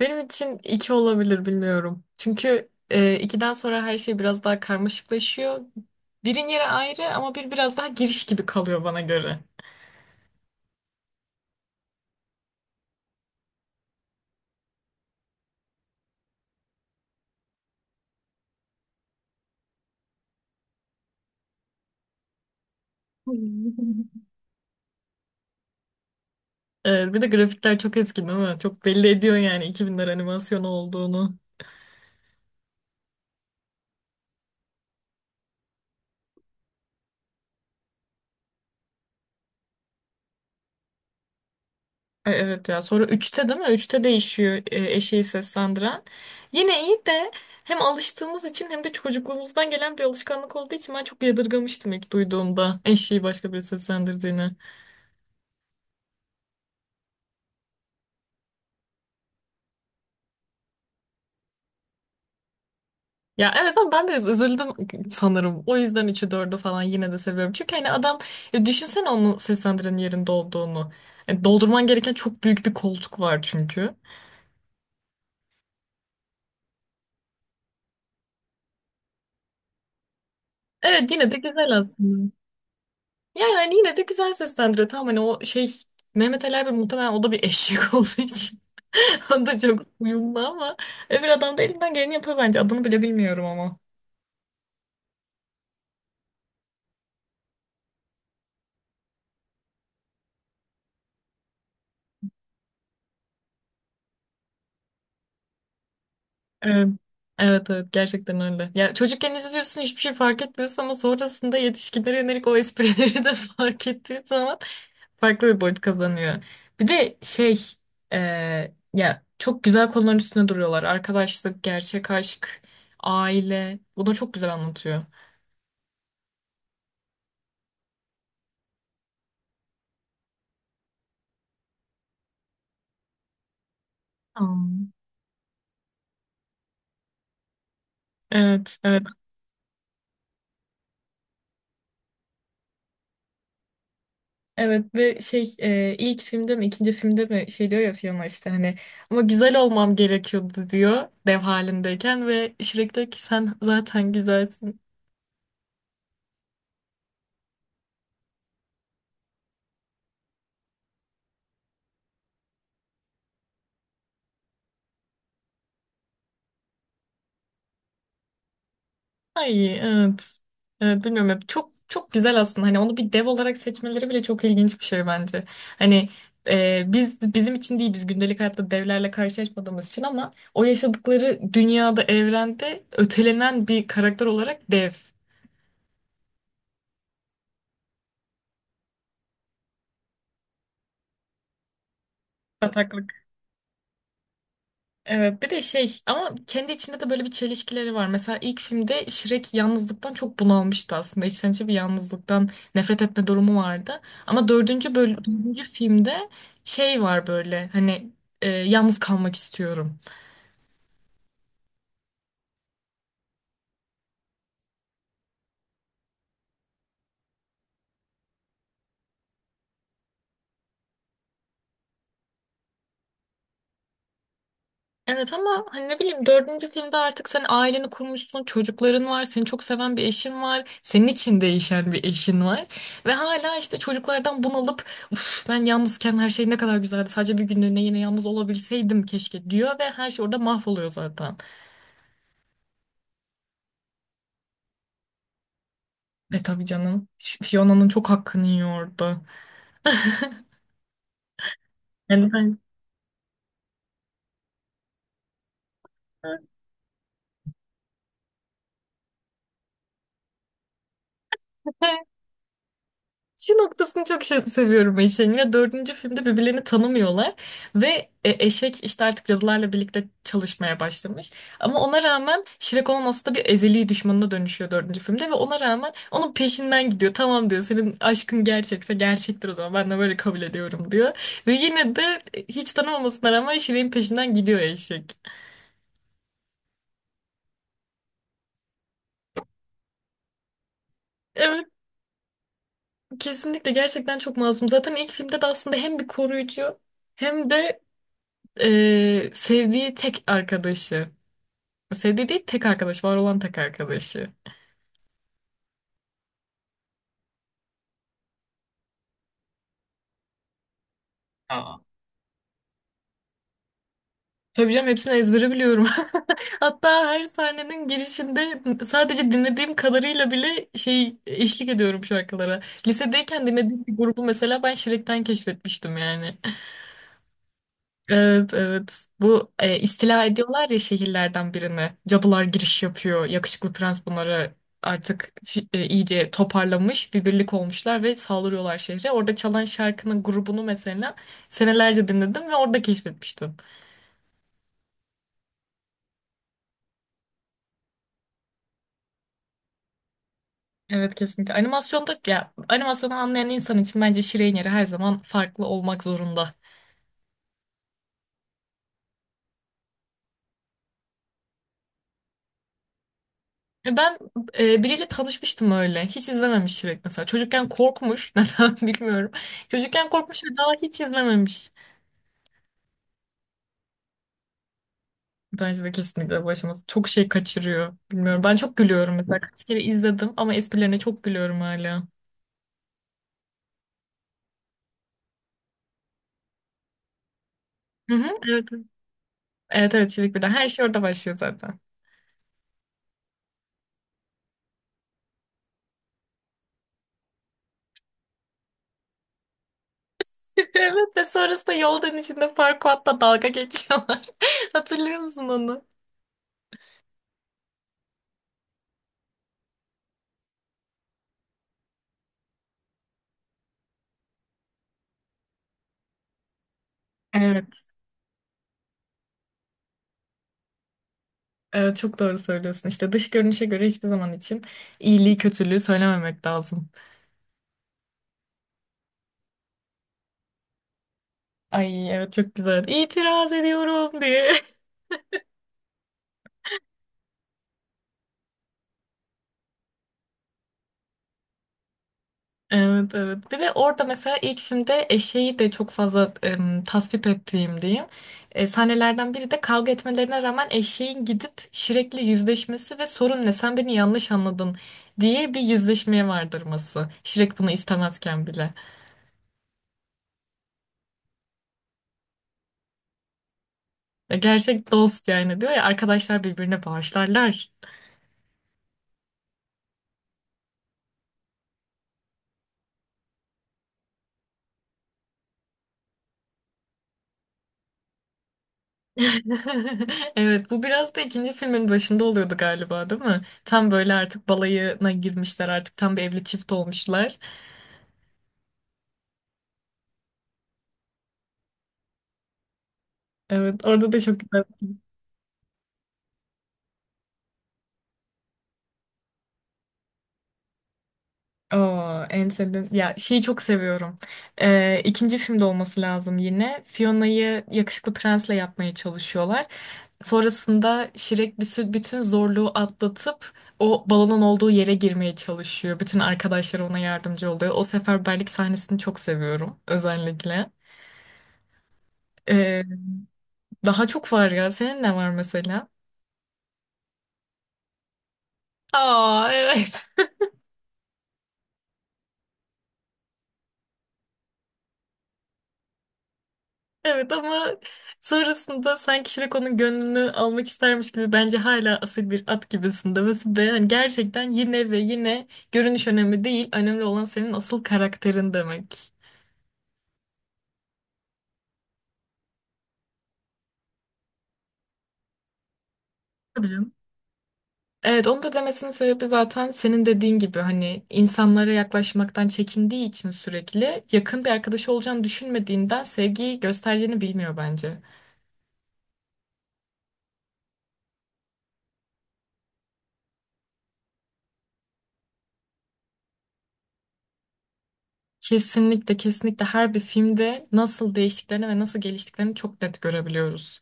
Benim için iki olabilir bilmiyorum. Çünkü ikiden sonra her şey biraz daha karmaşıklaşıyor. Birin yeri ayrı ama bir biraz daha giriş gibi kalıyor bana göre. Bir de grafikler çok eski değil mi? Çok belli ediyor yani 2000'ler animasyonu olduğunu. Evet ya sonra üçte değil mi? Üçte değişiyor, eşeği seslendiren. Yine iyi de hem alıştığımız için hem de çocukluğumuzdan gelen bir alışkanlık olduğu için ben çok yadırgamıştım ilk duyduğumda eşeği başka biri seslendirdiğini. Ya evet ama ben biraz üzüldüm sanırım. O yüzden üçü dördü falan yine de seviyorum. Çünkü hani adam, düşünsene onu seslendirenin yerinde olduğunu. Doldurman gereken çok büyük bir koltuk var çünkü. Evet yine de güzel aslında. Yani hani yine de güzel seslendiriyor. Tamam hani o şey, Mehmet Ali Erbil muhtemelen o da bir eşek olduğu için. O da çok uyumlu ama öbür adam da elinden geleni yapıyor bence. Adını bile bilmiyorum ama. Evet. Evet evet gerçekten öyle. Ya çocukken izliyorsun hiçbir şey fark etmiyorsun ama sonrasında yetişkinlere yönelik o esprileri de fark ettiği zaman farklı bir boyut kazanıyor. Bir de şey, e, ya çok güzel konuların üstüne duruyorlar. Arkadaşlık, gerçek aşk, aile. Bunu çok güzel anlatıyor. Hmm. Evet, evet. Evet ve şey, ilk filmde mi ikinci filmde mi şey diyor ya Fiona işte hani ama güzel olmam gerekiyordu diyor dev halindeyken ve Shrek diyor ki sen zaten güzelsin. Ay evet. Evet bilmiyorum hep çok çok güzel aslında hani onu bir dev olarak seçmeleri bile çok ilginç bir şey bence. Hani bizim için değil biz gündelik hayatta devlerle karşılaşmadığımız için ama o yaşadıkları dünyada evrende ötelenen bir karakter olarak dev. Evet, bir de şey ama kendi içinde de böyle bir çelişkileri var. Mesela ilk filmde Shrek yalnızlıktan çok bunalmıştı aslında. İçten içe bir yalnızlıktan nefret etme durumu vardı. Ama dördüncü filmde şey var böyle hani yalnız kalmak istiyorum. Evet ama hani ne bileyim dördüncü filmde artık sen aileni kurmuşsun, çocukların var, seni çok seven bir eşin var, senin için değişen bir eşin var. Ve hala işte çocuklardan bunalıp uf, ben yalnızken her şey ne kadar güzeldi, sadece bir günlüğüne yine yalnız olabilseydim keşke diyor ve her şey orada mahvoluyor zaten. E tabii canım, şu Fiona'nın çok hakkını yiyor orada. Yani ben... Şu noktasını seviyorum ben işin, dördüncü filmde birbirlerini tanımıyorlar ve eşek işte artık cadılarla birlikte çalışmaya başlamış. Ama ona rağmen Shrek onun aslında bir ezeli düşmanına dönüşüyor dördüncü filmde ve ona rağmen onun peşinden gidiyor. Tamam diyor, senin aşkın gerçekse gerçektir, o zaman ben de böyle kabul ediyorum diyor. Ve yine de hiç tanımamasına rağmen Shrek'in peşinden gidiyor eşek. Evet kesinlikle gerçekten çok masum. Zaten ilk filmde de aslında hem bir koruyucu hem de sevdiği tek arkadaşı. Sevdiği değil tek arkadaş. Var olan tek arkadaşı. Tabii canım hepsini ezbere biliyorum. Hatta her sahnenin girişinde sadece dinlediğim kadarıyla bile şey eşlik ediyorum şarkılara. Lisedeyken dinlediğim bir grubu mesela ben Shrek'ten keşfetmiştim yani. Evet evet. Bu istila ediyorlar ya şehirlerden birini. Cadılar giriş yapıyor. Yakışıklı prens bunları artık iyice toparlamış. Bir birlik olmuşlar ve saldırıyorlar şehre. Orada çalan şarkının grubunu mesela senelerce dinledim ve orada keşfetmiştim. Evet kesinlikle. Animasyonda, ya animasyonu anlayan insan için bence Şirin yeri her zaman farklı olmak zorunda. Ben biriyle tanışmıştım öyle. Hiç izlememiş Shrek mesela. Çocukken korkmuş. Neden bilmiyorum. Çocukken korkmuş ve daha hiç izlememiş. Bence de kesinlikle bu aşaması. Çok şey kaçırıyor. Bilmiyorum. Ben çok gülüyorum mesela. Kaç kere izledim ama esprilerine çok gülüyorum hala. Hı hı, evet. Evet, evet, evet, Çelik Birden. Her şey orada başlıyor zaten. Evet ve sonrasında yol dönüşünde Farquaad'la dalga geçiyorlar. Hatırlıyor musun onu? Evet. Evet çok doğru söylüyorsun. İşte dış görünüşe göre hiçbir zaman için iyiliği kötülüğü söylememek lazım. Ay evet çok güzel. İtiraz ediyorum diye. Evet evet. Bir de orada mesela ilk filmde eşeği de çok fazla tasvip ettiğim diyeyim. Sahnelerden biri de kavga etmelerine rağmen eşeğin gidip Shrek'le yüzleşmesi ve sorun ne, sen beni yanlış anladın diye bir yüzleşmeye vardırması. Shrek bunu istemezken bile. Ve gerçek dost yani diyor ya, arkadaşlar birbirine bağışlarlar. Evet bu biraz da ikinci filmin başında oluyordu galiba değil mi? Tam böyle artık balayına girmişler, artık tam bir evli çift olmuşlar. Evet orada da çok güzel. Oo, en sevdiğim, ya şeyi çok seviyorum. İkinci filmde olması lazım yine. Fiona'yı yakışıklı prensle yapmaya çalışıyorlar. Sonrasında Şirek bütün zorluğu atlatıp o balonun olduğu yere girmeye çalışıyor. Bütün arkadaşları ona yardımcı oluyor. O seferberlik sahnesini çok seviyorum özellikle. Ee, Daha çok var ya. Senin ne var mesela? Aa, evet. Evet ama sonrasında sanki Shrek onun gönlünü almak istermiş gibi, bence hala asil bir at gibisin demesi ve hani gerçekten yine ve yine görünüş önemli değil. Önemli olan senin asıl karakterin demek. Tabii canım. Evet onu da demesinin sebebi zaten senin dediğin gibi hani insanlara yaklaşmaktan çekindiği için sürekli yakın bir arkadaşı olacağını düşünmediğinden sevgiyi göstereceğini bilmiyor bence. Kesinlikle, kesinlikle her bir filmde nasıl değiştiklerini ve nasıl geliştiklerini çok net görebiliyoruz.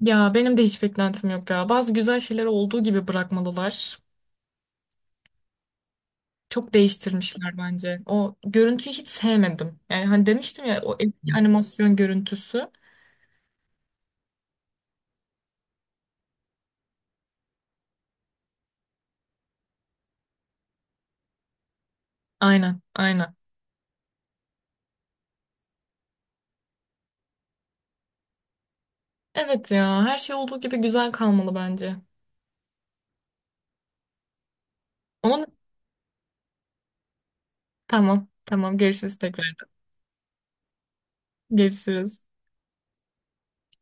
Ya benim de hiç beklentim yok ya. Bazı güzel şeyleri olduğu gibi bırakmalılar. Çok değiştirmişler bence. O görüntüyü hiç sevmedim. Yani hani demiştim ya, o eski animasyon görüntüsü. Aynen, aynen. Evet ya her şey olduğu gibi güzel kalmalı bence. Onun tamam, tamam görüşürüz tekrar. Görüşürüz.